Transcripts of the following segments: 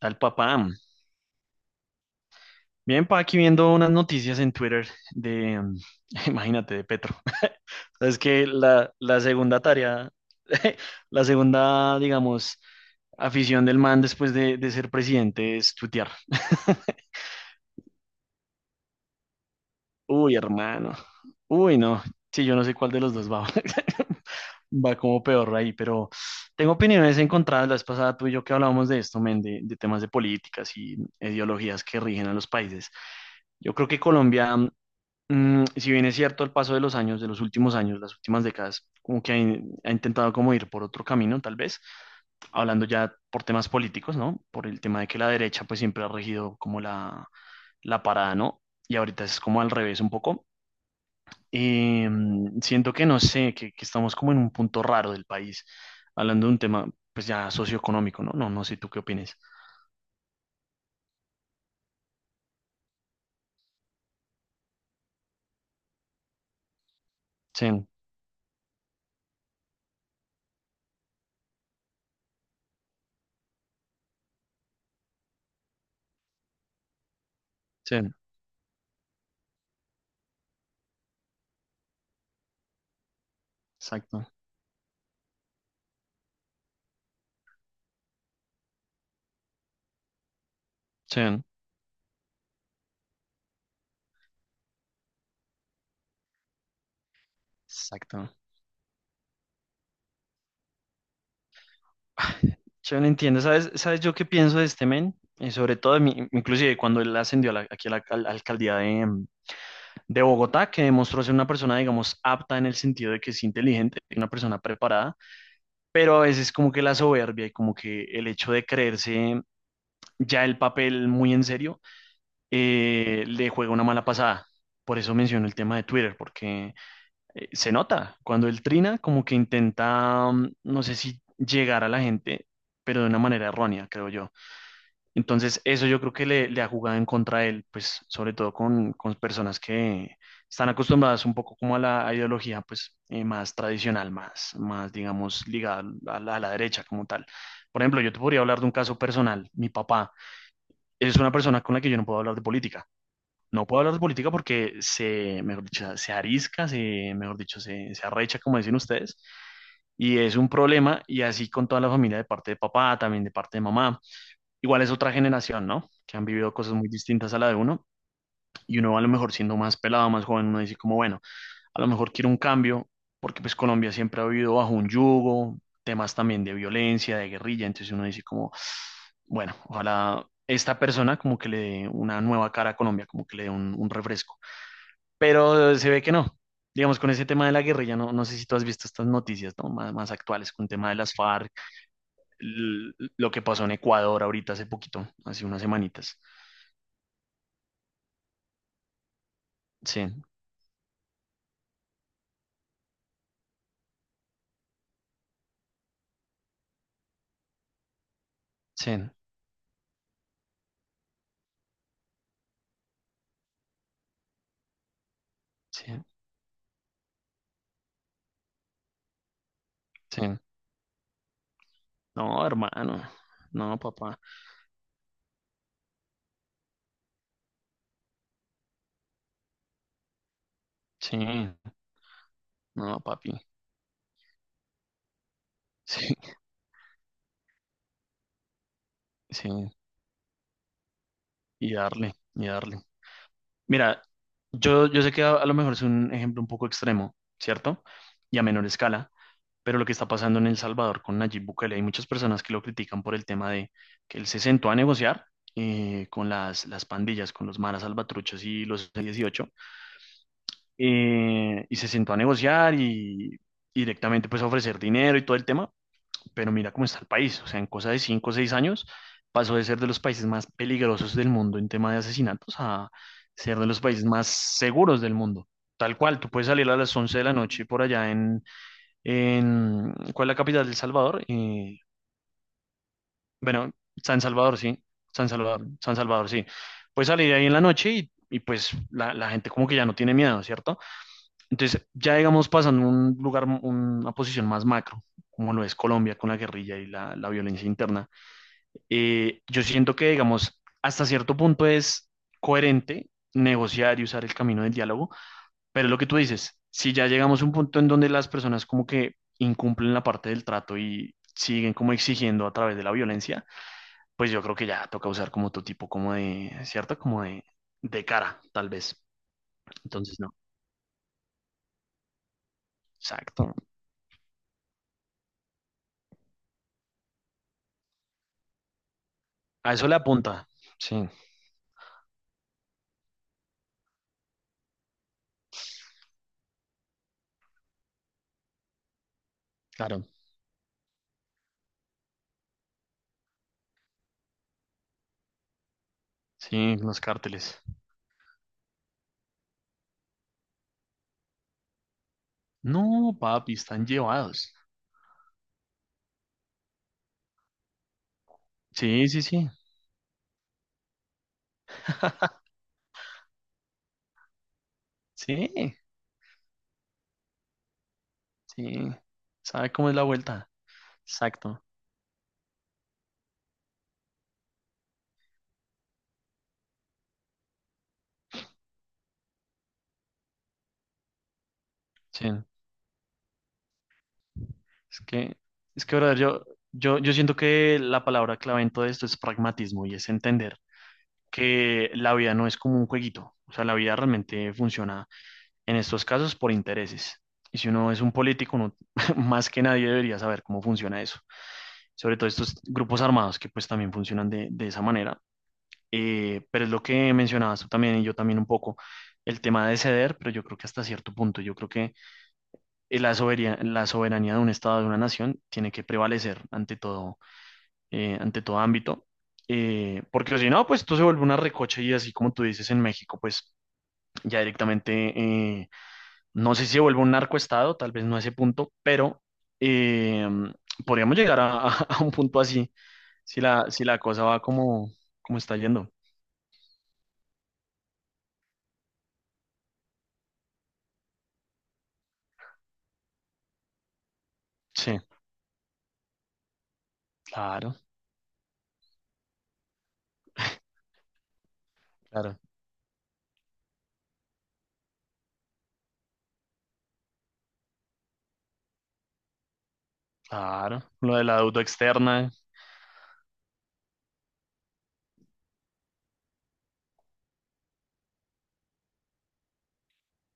Al papá. Bien, pa, aquí viendo unas noticias en Twitter de, imagínate, de Petro. Es que la segunda tarea, la segunda, digamos, afición del man después de ser presidente es tuitear. Uy, hermano. Uy, no. Sí, yo no sé cuál de los dos va. Va como peor ahí, pero tengo opiniones encontradas. La vez pasada tú y yo que hablábamos de esto, men, de temas de políticas y ideologías que rigen a los países. Yo creo que Colombia, si bien es cierto, al paso de los años, de los últimos años, las últimas décadas, como que ha intentado como ir por otro camino, tal vez, hablando ya por temas políticos, ¿no? Por el tema de que la derecha pues siempre ha regido como la parada, ¿no? Y ahorita es como al revés un poco. Eh, Siento que no sé, que estamos como en un punto raro del país, hablando de un tema pues ya socioeconómico, ¿no? No, no sé, ¿tú qué opinas? Sí, sí, exacto, sí, exacto. Yo no entiendo, ¿sabes, sabes yo qué pienso de este men? Y sobre todo, inclusive cuando él ascendió a aquí a la alcaldía de, de Bogotá, que demostró ser una persona, digamos, apta en el sentido de que es inteligente, una persona preparada, pero a veces como que la soberbia y como que el hecho de creerse ya el papel muy en serio, le juega una mala pasada. Por eso menciono el tema de Twitter, porque se nota cuando él trina, como que intenta, no sé si llegar a la gente, pero de una manera errónea, creo yo. Entonces, eso yo creo que le ha jugado en contra a él, pues sobre todo con personas que están acostumbradas un poco como a la ideología pues más tradicional, más digamos ligada a la derecha como tal. Por ejemplo, yo te podría hablar de un caso personal. Mi papá es una persona con la que yo no puedo hablar de política. No puedo hablar de política porque mejor dicho, se arisca, mejor dicho, se arrecha, como dicen ustedes, y es un problema, y así con toda la familia de parte de papá, también de parte de mamá. Igual es otra generación, ¿no? Que han vivido cosas muy distintas a la de uno, y uno a lo mejor siendo más pelado, más joven, uno dice como, bueno, a lo mejor quiero un cambio porque pues Colombia siempre ha vivido bajo un yugo, temas también de violencia, de guerrilla, entonces uno dice como, bueno, ojalá esta persona como que le dé una nueva cara a Colombia, como que le dé un refresco, pero se ve que no. Digamos, con ese tema de la guerrilla, no, no sé si tú has visto estas noticias, ¿no? Más actuales, con el tema de las FARC, lo que pasó en Ecuador ahorita hace poquito, hace unas semanitas. Sí, sí, sí, sí. No, hermano. No, papá. Sí, no, papi. Sí, sí. Y darle, y darle. Mira, yo sé que a lo mejor es un ejemplo un poco extremo, ¿cierto? Y a menor escala, pero lo que está pasando en El Salvador con Nayib Bukele, hay muchas personas que lo critican por el tema de que él se sentó a negociar, con las pandillas, con los maras salvatruchos y los 18, y se sentó a negociar y directamente pues a ofrecer dinero y todo el tema, pero mira cómo está el país, o sea, en cosa de cinco o seis años pasó de ser de los países más peligrosos del mundo en tema de asesinatos a ser de los países más seguros del mundo. Tal cual, tú puedes salir a las 11 de la noche por allá en ¿cuál es la capital de El Salvador? Bueno, San Salvador, sí, San Salvador, San Salvador, sí. Puedes salir ahí en la noche y pues la gente como que ya no tiene miedo, ¿cierto? Entonces, ya digamos, pasando a un lugar, una posición más macro, como lo es Colombia con la guerrilla y la violencia interna, yo siento que, digamos, hasta cierto punto es coherente negociar y usar el camino del diálogo, pero lo que tú dices, si ya llegamos a un punto en donde las personas como que incumplen la parte del trato y siguen como exigiendo a través de la violencia, pues yo creo que ya toca usar como tu tipo como de, ¿cierto? Como de cara, tal vez. Entonces, no, exacto. A eso le apunta, sí. Claro, sí, los cárteles. No, papi, están llevados. Sí, sí, sí, sí, sí. ¿Sabe cómo es la vuelta? Exacto. Sí. Es que, brother, yo siento que la palabra clave en todo esto es pragmatismo y es entender que la vida no es como un jueguito. O sea, la vida realmente funciona en estos casos por intereses. Y si uno es un político, uno más que nadie debería saber cómo funciona eso. Sobre todo estos grupos armados que pues también funcionan de esa manera. Pero es lo que mencionabas tú también y yo también un poco, el tema de ceder, pero yo creo que hasta cierto punto, yo creo que la soberanía de un Estado, de una nación, tiene que prevalecer ante todo ámbito, porque si no, pues tú se vuelve una recocha y así como tú dices en México, pues ya directamente, eh, no sé si se vuelve un narcoestado, tal vez no a ese punto, pero eh, podríamos llegar a, a un punto así, si si la cosa va como, como está yendo. Sí, claro. Claro, claro. Lo de la deuda externa.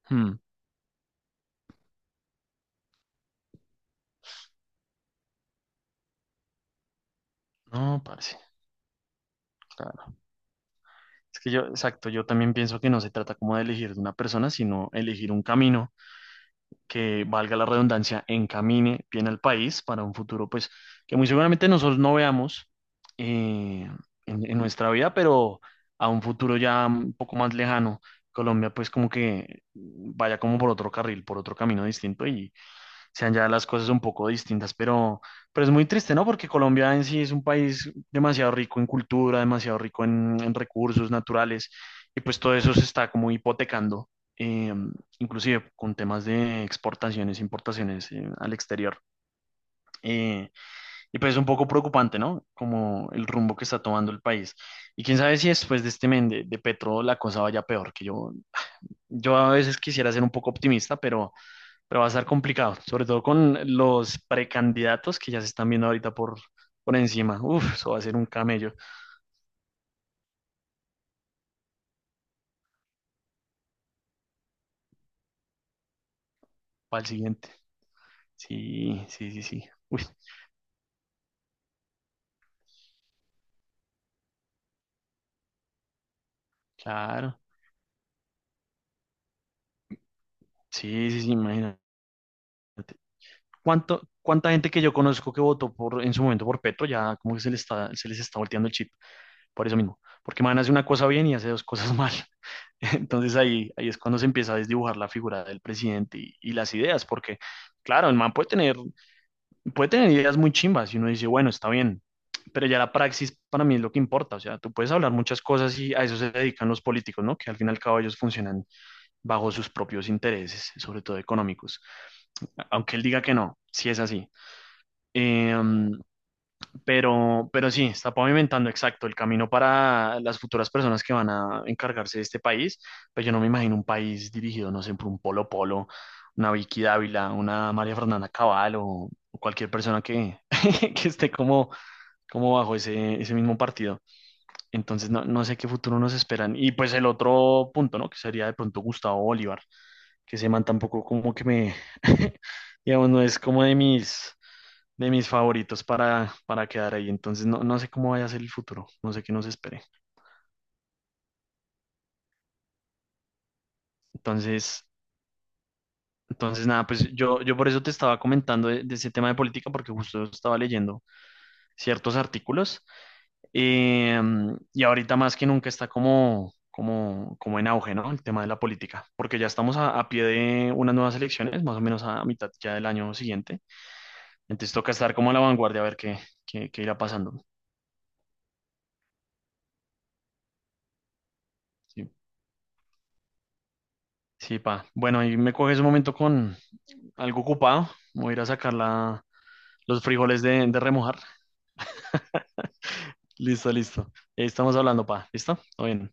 hmm, No, parce. Claro. Es que yo, exacto, yo también pienso que no se trata como de elegir de una persona, sino elegir un camino que, valga la redundancia, encamine bien al país para un futuro, pues, que muy seguramente nosotros no veamos, eh, en nuestra vida, pero a un futuro ya un poco más lejano, Colombia, pues, como que vaya como por otro carril, por otro camino distinto y sean ya las cosas un poco distintas, pero es muy triste, ¿no? Porque Colombia en sí es un país demasiado rico en cultura, demasiado rico en recursos naturales, y pues todo eso se está como hipotecando, eh, inclusive con temas de exportaciones, importaciones, al exterior. Eh, y pues es un poco preocupante, ¿no? Como el rumbo que está tomando el país. Y quién sabe si después de este men de Petro la cosa vaya peor, que yo a veces quisiera ser un poco optimista, pero va a estar complicado, sobre todo con los precandidatos que ya se están viendo ahorita por encima. Uf, eso va a ser un camello para el siguiente. Sí, sí, sí, sí. Uy, claro. Sí, sí, sí, imagínate. Cuánta gente que yo conozco que votó por, en su momento por Petro ya como que se les está volteando el chip? Por eso mismo. Porque man hace una cosa bien y hace dos cosas mal. Entonces ahí es cuando se empieza a desdibujar la figura del presidente y las ideas, porque claro, el man puede tener ideas muy chimbas y uno dice, bueno, está bien, pero ya la praxis para mí es lo que importa, o sea, tú puedes hablar muchas cosas y a eso se dedican los políticos, ¿no? Que al fin y al cabo ellos funcionan bajo sus propios intereses, sobre todo económicos, aunque él diga que no, si es así. Eh, pero sí, está pavimentando exacto el camino para las futuras personas que van a encargarse de este país. Pero yo no me imagino un país dirigido, no sé, por un Polo Polo, una Vicky Dávila, una María Fernanda Cabal o cualquier persona que, que esté como, como bajo ese, ese mismo partido. Entonces, no, no sé qué futuro nos esperan. Y pues el otro punto, ¿no? Que sería de pronto Gustavo Bolívar, que ese man tampoco como que me, digamos, no es como de mis favoritos para quedar ahí. Entonces, no, no sé cómo vaya a ser el futuro, no sé qué nos espere. Entonces, entonces nada, pues yo por eso te estaba comentando de ese tema de política, porque justo estaba leyendo ciertos artículos, eh, y ahorita más que nunca está como... Como, como en auge, ¿no? El tema de la política, porque ya estamos a pie de unas nuevas elecciones, más o menos a mitad ya del año siguiente. Entonces toca estar como a la vanguardia a ver qué, qué, qué irá pasando. Sí, sí, pa. Bueno, ahí me coges un momento con algo ocupado. Voy a ir a sacar los frijoles de remojar. Listo, listo. Ahí estamos hablando, pa. ¿Listo? Todo bien.